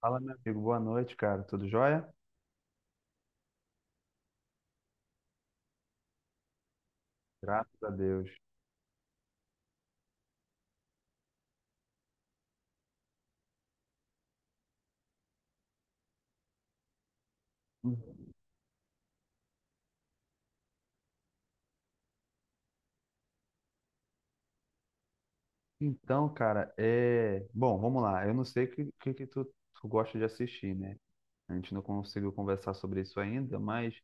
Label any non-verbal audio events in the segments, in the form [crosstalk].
Fala, meu amigo. Boa noite, cara. Tudo jóia? Graças a Deus. Uhum. Então, cara, bom, vamos lá. Eu não sei o que tu, gosta de assistir, né? A gente não conseguiu conversar sobre isso ainda, mas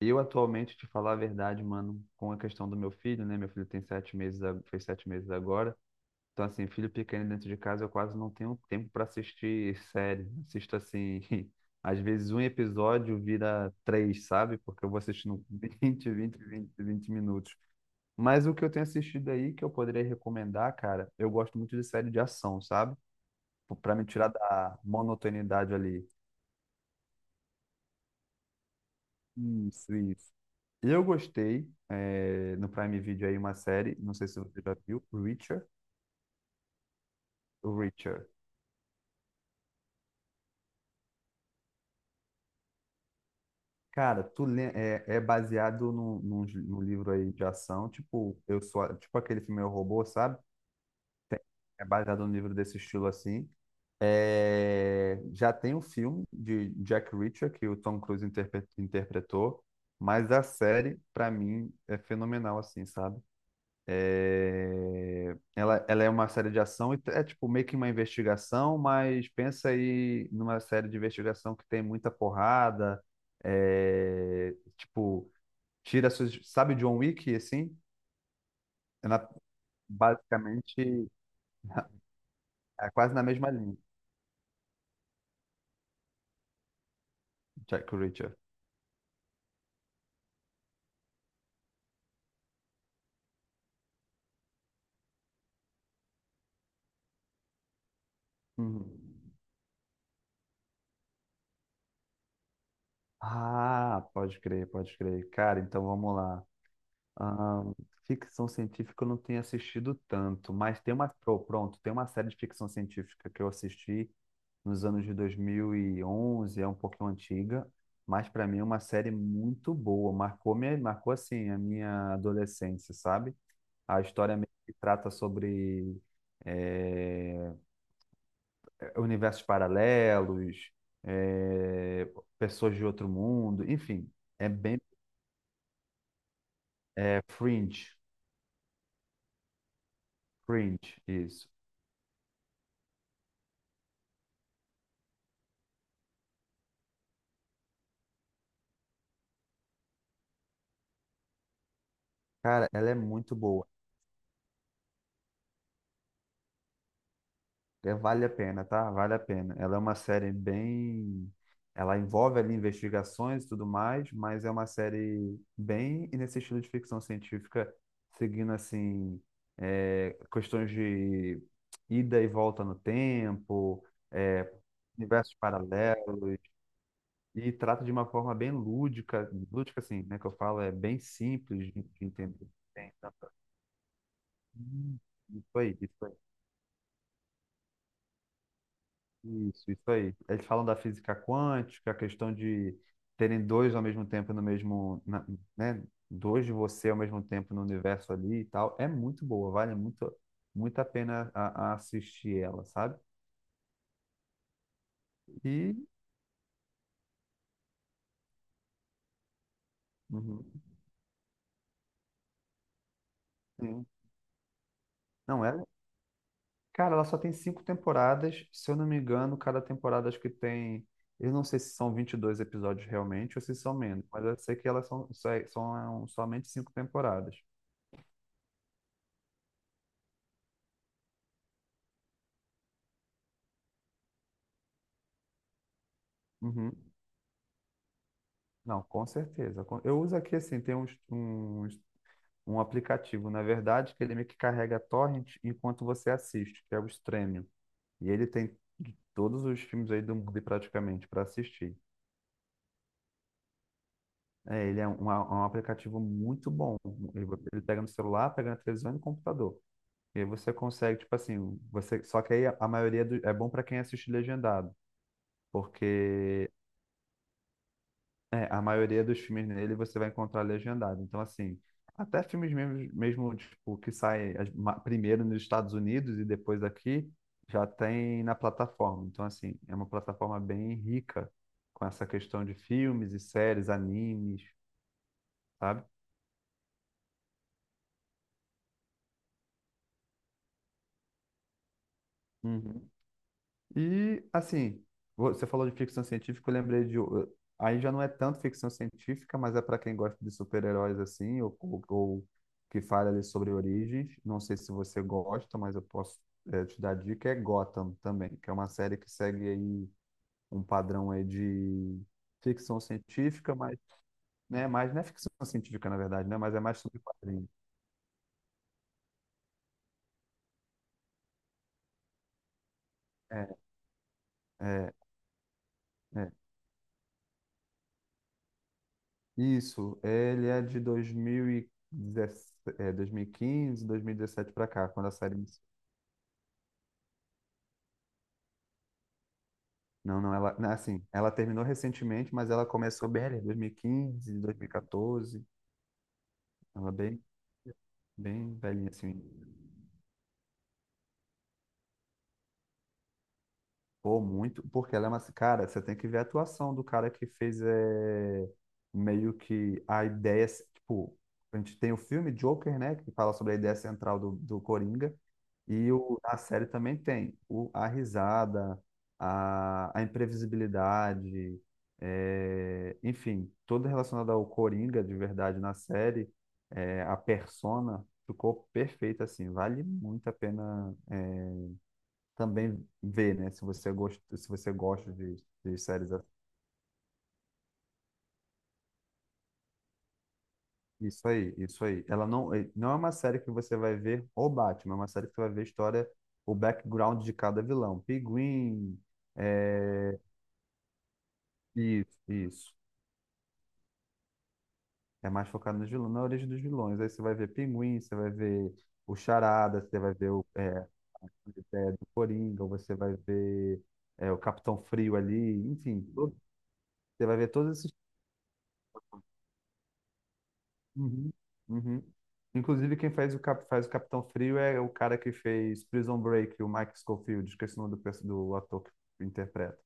eu, atualmente, te falar a verdade, mano, com a questão do meu filho, né? Meu filho tem 7 meses, fez 7 meses agora. Então, assim, filho pequeno dentro de casa, eu quase não tenho tempo para assistir série. Assisto, assim, [laughs] às vezes um episódio vira três, sabe? Porque eu vou assistindo [laughs] 20 minutos. Mas o que eu tenho assistido aí que eu poderia recomendar, cara, eu gosto muito de série de ação, sabe? Pra me tirar da monotonidade ali. Isso, isso. Eu gostei, é, no Prime Video aí, uma série, não sei se você já viu, Reacher. Reacher. Cara, tu lê, é, baseado num livro aí de ação, tipo, eu sou, tipo aquele filme Eu, Robô, sabe? É baseado num livro desse estilo assim. É, já tem um filme de Jack Reacher que o Tom Cruise interpretou, mas a série, para mim, é fenomenal, assim, sabe? É, ela é uma série de ação e é tipo meio que uma investigação, mas pensa aí numa série de investigação que tem muita porrada, é, tipo, tira suas, sabe John Wick, assim? Ela basicamente é quase na mesma linha, Jack Reacher. Uhum. Ah, pode crer, pode crer. Cara, então vamos lá. Ahn, ficção científica eu não tenho assistido tanto, mas tem uma, pô, pronto, tem uma série de ficção científica que eu assisti nos anos de 2011. É um pouquinho antiga, mas para mim é uma série muito boa, marcou assim a minha adolescência, sabe? A história meio que trata sobre eh, universos paralelos, eh, pessoas de outro mundo, enfim, é bem. É Fringe. Fringe, isso. Cara, ela é muito boa. É, vale a pena, tá? Vale a pena. Ela é uma série bem. Ela envolve ali investigações e tudo mais, mas é uma série bem nesse estilo de ficção científica, seguindo assim, é, questões de ida e volta no tempo, é, universos paralelos, e trata de uma forma bem lúdica, lúdica assim, né? Que eu falo, é bem simples de entender. Hum, Isso aí, isso aí, isso aí. Eles falam da física quântica, a questão de terem dois ao mesmo tempo no mesmo, né? Dois de você ao mesmo tempo no universo ali e tal. É muito boa, vale muito, muito a pena a assistir ela, sabe? E, uhum, sim. Não, ela, cara, ela só tem 5 temporadas, se eu não me engano. Cada temporada, acho que tem, eu não sei se são 22 episódios realmente ou se são menos, mas eu sei que elas somente 5 temporadas. Uhum. Não, com certeza. Eu uso aqui, assim, tem um aplicativo, na verdade, que ele meio que carrega torrent enquanto você assiste, que é o Stremio. E ele tem de todos os filmes aí do mundo praticamente para assistir. É, ele é um aplicativo muito bom. Ele, ele pega no celular, pega na televisão e no computador. E aí você consegue, tipo assim, você, só que aí a maioria é bom para quem assiste legendado, porque, é, a maioria dos filmes nele você vai encontrar legendado. Então, assim, até filmes mesmo tipo, que saem primeiro nos Estados Unidos e depois aqui, já tem na plataforma. Então, assim, é uma plataforma bem rica com essa questão de filmes e séries, animes, sabe? Uhum. E, assim, você falou de ficção científica, eu lembrei de. Aí já não é tanto ficção científica, mas é para quem gosta de super-heróis, assim, ou que fala ali sobre origens. Não sei se você gosta, mas eu posso, te dar dica. É Gotham também, que é uma série que segue aí um padrão aí de ficção científica, mas, né, mas não é ficção científica, na verdade, né? Mas é mais sobre quadrinhos. É, é, é. Isso, ele é de 2017, é, 2015, 2017 pra cá, quando a série iniciou. Não, não, ela. Não, assim, ela terminou recentemente, mas ela começou bem ali, 2015, 2014. Ela, bem, bem velhinha, assim. Pô, muito. Porque ela é uma. Cara, você tem que ver a atuação do cara que fez, é, meio que a ideia. Tipo, a gente tem o filme Joker, né? Que fala sobre a ideia central do Coringa. E na série também tem a risada, a imprevisibilidade, é, enfim, tudo relacionado ao Coringa de verdade na série, é, a persona ficou perfeita, assim, vale muito a pena, é, também ver, né? Se você gosta, se você gosta de séries assim. Isso aí, isso aí. Ela não, não é uma série que você vai ver o Batman, é uma série que você vai ver a história, o background de cada vilão. Pinguim. Isso, isso. É mais focado nos vilões, na origem dos vilões. Aí você vai ver Pinguim, você vai ver o Charada, você vai ver do Coringa, você vai ver, o Capitão Frio ali, enfim, você vai ver todos esses. Uhum, uhum. Inclusive, quem faz o Capitão Frio é o cara que fez Prison Break, o Mike Scofield, esqueci o nome do ator que interpreta.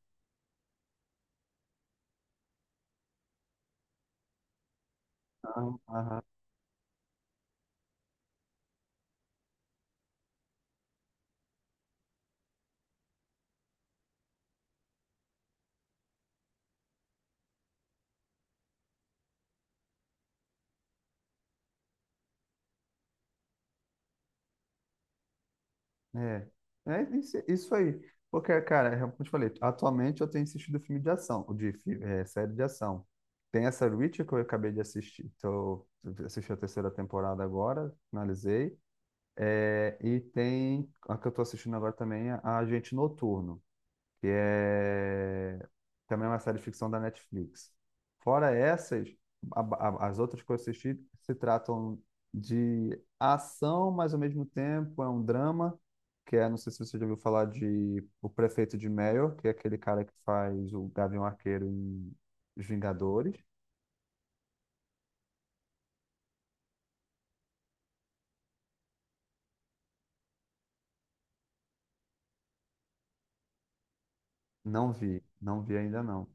Aham, aham. É, é isso, isso aí. Porque, cara, é como eu te falei, atualmente eu tenho assistido filme de ação, série de ação. Tem essa Reacher que eu acabei de assistir, assisti a terceira temporada agora, finalizei. É, e tem a que eu tô assistindo agora também, a Agente Noturno, que também é uma série de ficção da Netflix. Fora essas, a- as outras que eu assisti se tratam de ação, mas, ao mesmo tempo, é um drama, que é, não sei se você já ouviu falar de O Prefeito de Mayor, que é aquele cara que faz o Gavião Arqueiro em Os Vingadores. Não vi, não vi ainda não.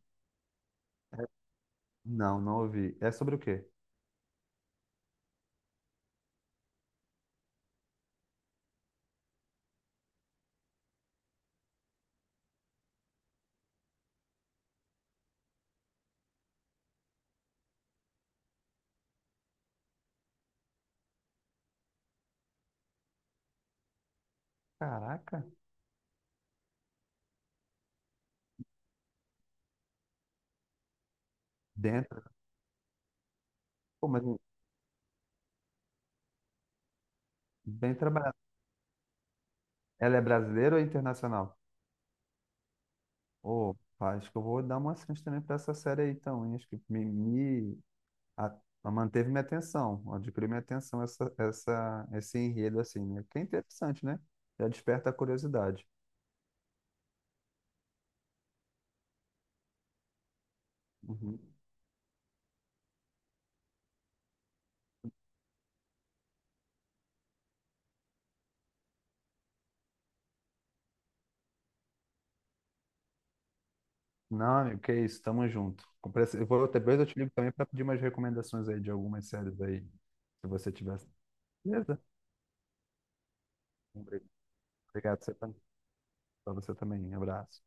Não, não ouvi. É sobre o quê? Caraca, dentro. Pô, mas bem trabalhado. Ela é brasileira ou é internacional? Ô, pá, acho que eu vou dar uma chance também pra essa série aí, então, hein? Acho que me a- manteve minha atenção, adquiriu minha atenção esse enredo, assim, né? Que é interessante, né? Já desperta a curiosidade. Uhum. Não, amigo, que isso, tamo junto. Eu vou, depois eu te ligo também pra pedir umas recomendações aí de algumas séries aí, se você tiver. Beleza? Obrigado, pra você também. Abraço.